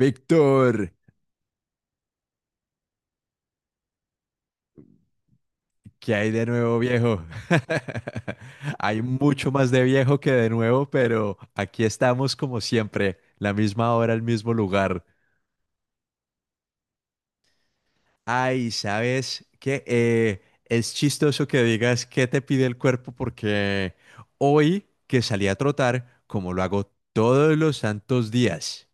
Víctor, ¿qué hay de nuevo, viejo? Hay mucho más de viejo que de nuevo, pero aquí estamos como siempre, la misma hora, el mismo lugar. Ay, ¿sabes qué? Es chistoso que digas qué te pide el cuerpo porque hoy que salí a trotar, como lo hago todos los santos días,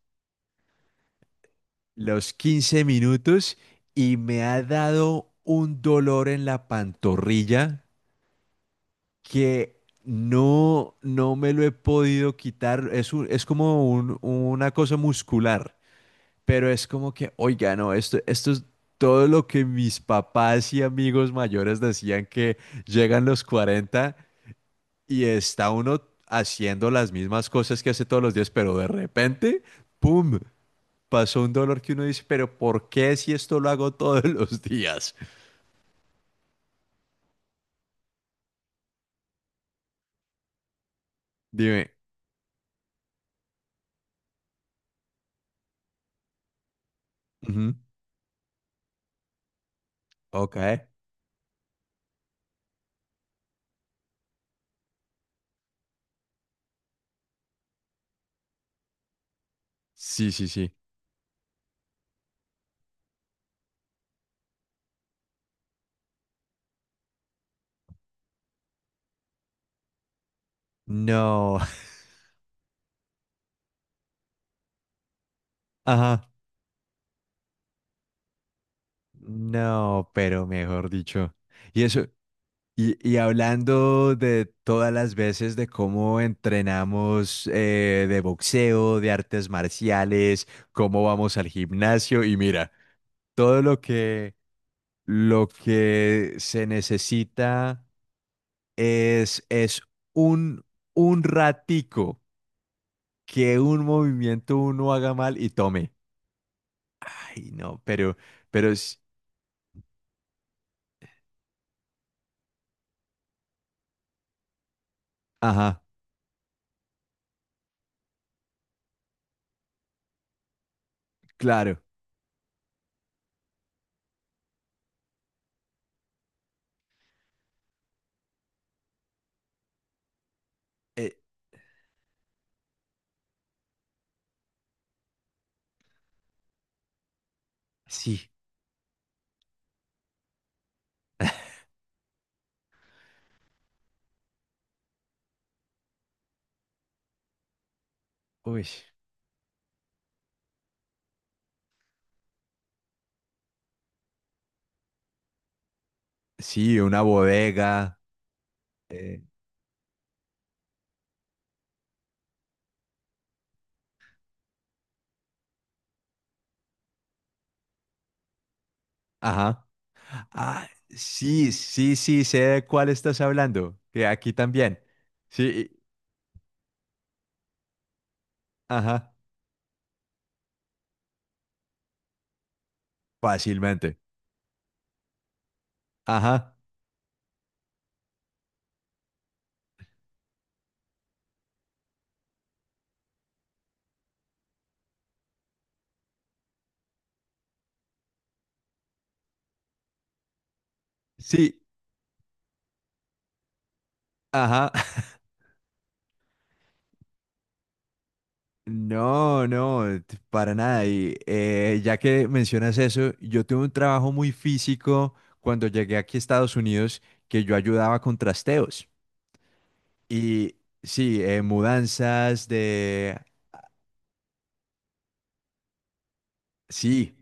los 15 minutos, y me ha dado un dolor en la pantorrilla que no, no me lo he podido quitar. Es un- es como un- una cosa muscular, pero es como que, oiga, no, esto es todo lo que mis papás y amigos mayores decían: que llegan los 40 y está uno haciendo las mismas cosas que hace todos los días, pero de repente, ¡pum! Pasó un dolor que uno dice, pero ¿por qué, si esto lo hago todos los días? Dime. Ujú. Ok. Sí, sí, sí. No. Ajá. No, pero mejor dicho. Y eso, y hablando de todas las veces de cómo entrenamos, de boxeo, de artes marciales, cómo vamos al gimnasio, y mira, todo lo que se necesita es un, un ratico, que un movimiento uno haga mal y tome. Ay, no, pero, es. Ajá, claro. eh, sí, uy. Sí, una bodega. eh, ajá. Ah, sí, sí, sí, sé de cuál estás hablando. Que aquí también. Sí. y- ajá. Fácilmente. Ajá. Sí, ajá. No, no, para nada. Y ya que mencionas eso, yo tuve un trabajo muy físico cuando llegué aquí a Estados Unidos, que yo ayudaba con trasteos. Y sí, mudanzas de... Sí,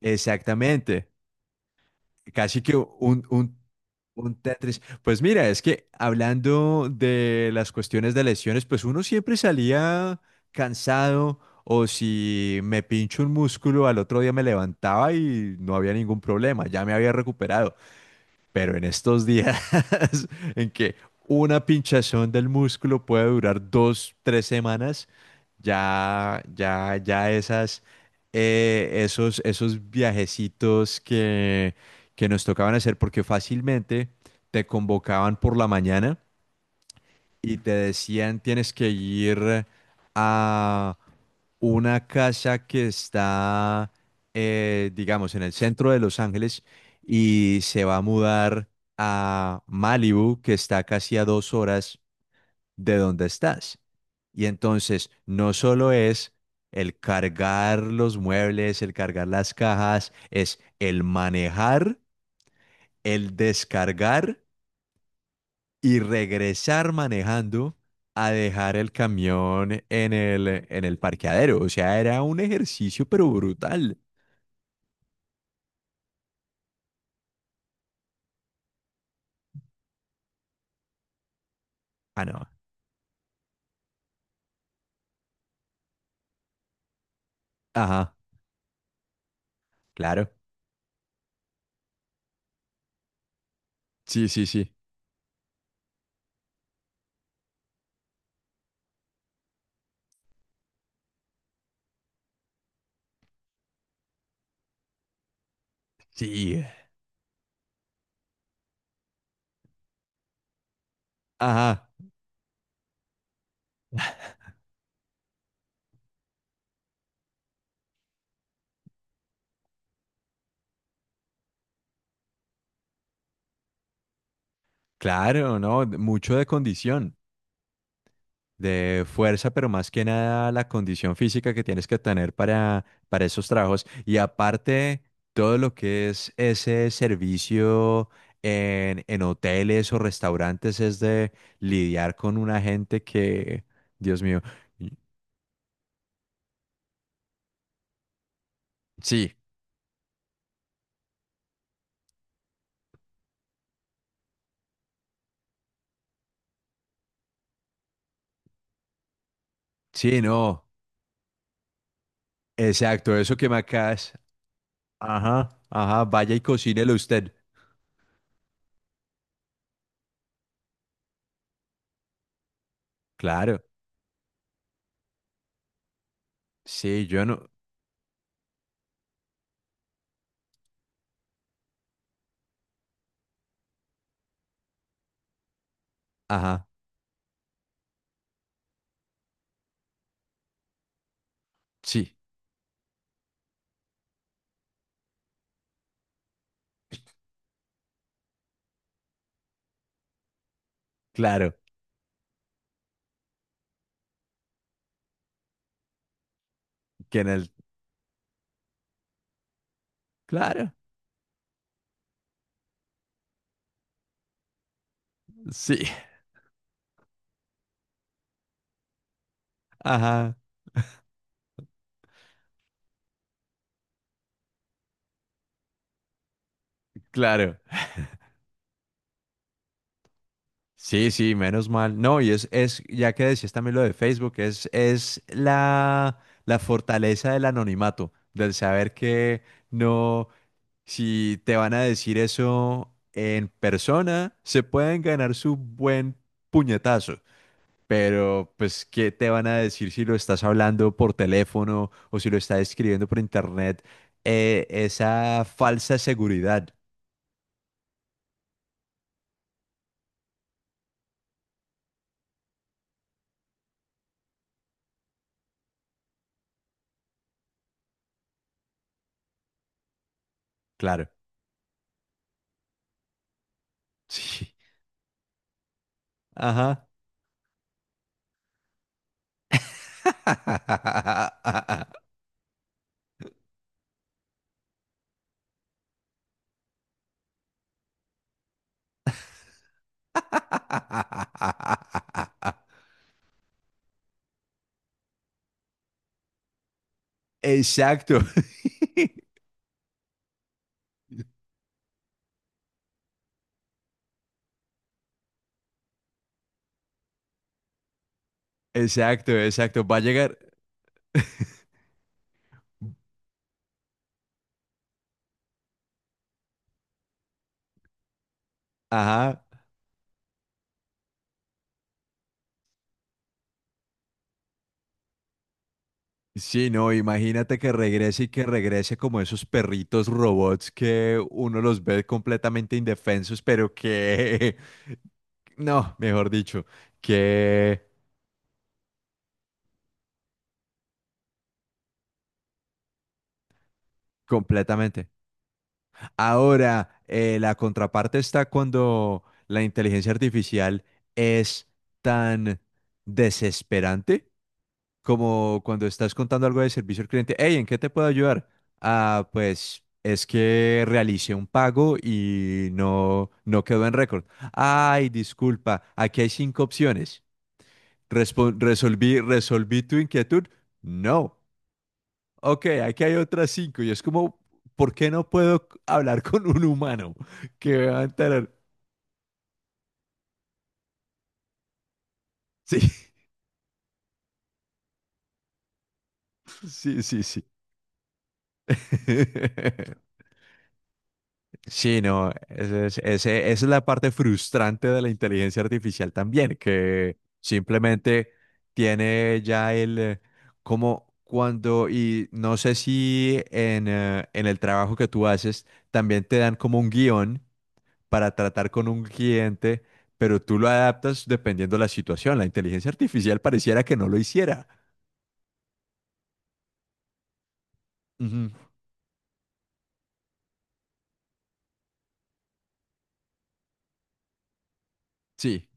exactamente. Casi que un, un Tetris. Pues mira, es que, hablando de las cuestiones de lesiones, pues uno siempre salía cansado, o si me pincho un músculo, al otro día me levantaba y no había ningún problema, ya me había recuperado. Pero en estos días en que una pinchazón del músculo puede durar 2, 3 semanas, ya, ya, ya esos viajecitos que nos tocaban hacer, porque fácilmente te convocaban por la mañana y te decían: tienes que ir a una casa que está, digamos, en el centro de Los Ángeles, y se va a mudar a Malibu, que está casi a 2 horas de donde estás. Y entonces no solo es el cargar los muebles, el cargar las cajas, es el manejar, el descargar y regresar manejando a dejar el camión en el parqueadero. O sea, era un ejercicio, pero brutal. Ah, no. Ajá, claro. Sí, sí, sí. Sí. Ajá, claro, no, mucho de condición. De fuerza, pero más que nada la condición física que tienes que tener para, esos trabajos. Y aparte, todo lo que es ese servicio en, hoteles o restaurantes es de lidiar con una gente que, Dios mío. y- sí, sí, no, exacto, eso que me acabas. Ajá, ajá, vaya y cocínelo usted. Claro, sí, yo no. Ajá, sí, claro. que en el, claro, sí. Ajá. Claro. Sí, sí, menos mal. No, y es, ya que decías también lo de Facebook, es, la fortaleza del anonimato, del saber que no, si te van a decir eso en persona, se pueden ganar su buen puñetazo. Pero, pues, ¿qué te van a decir si lo estás hablando por teléfono o si lo estás escribiendo por internet? Esa falsa seguridad, claro. Sí. Ajá. Exacto. Exacto, exacto. Va a llegar. Ajá. Sí, no, imagínate que regrese, y que regrese como esos perritos robots que uno los ve completamente indefensos, pero que... No, mejor dicho. Que completamente. Ahora, la contraparte está cuando la inteligencia artificial es tan desesperante como cuando estás contando algo de servicio al cliente. "Hey, ¿en qué te puedo ayudar?". "Ah, pues es que realicé un pago y no, no quedó en récord". "Ay, disculpa, aquí hay cinco opciones". "Resolví, ¿resolví tu inquietud?". "No". "Ok, aquí hay otras cinco". Y es como, ¿por qué no puedo hablar con un humano que me va a enterar? Sí, sí, sí, sí. Sí, no, esa es la parte frustrante de la inteligencia artificial también, que simplemente tiene ya como cuando, y no sé si en el trabajo que tú haces, también te dan como un guión para tratar con un cliente, pero tú lo adaptas dependiendo de la situación. La inteligencia artificial pareciera que no lo hiciera. Ujú. Sí.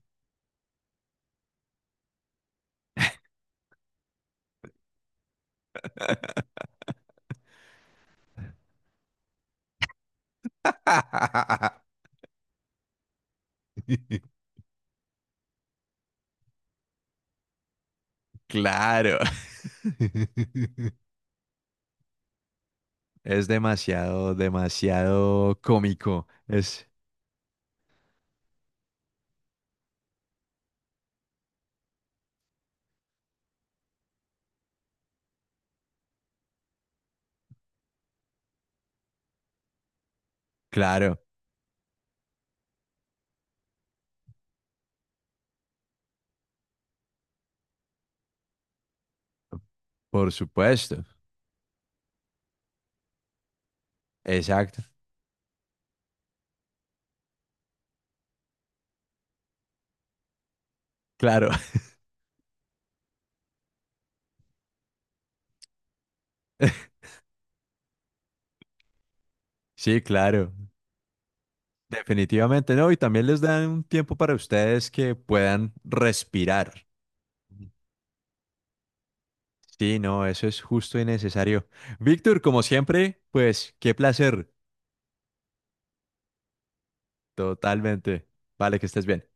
Claro. Es demasiado, demasiado cómico. Es claro, por supuesto. Exacto. Claro. Sí, claro. Definitivamente no. Y también les dan un tiempo para ustedes, que puedan respirar. Ujú. Sí, no, eso es justo y necesario. Víctor, como siempre, pues qué placer. Totalmente. Vale, que estés bien.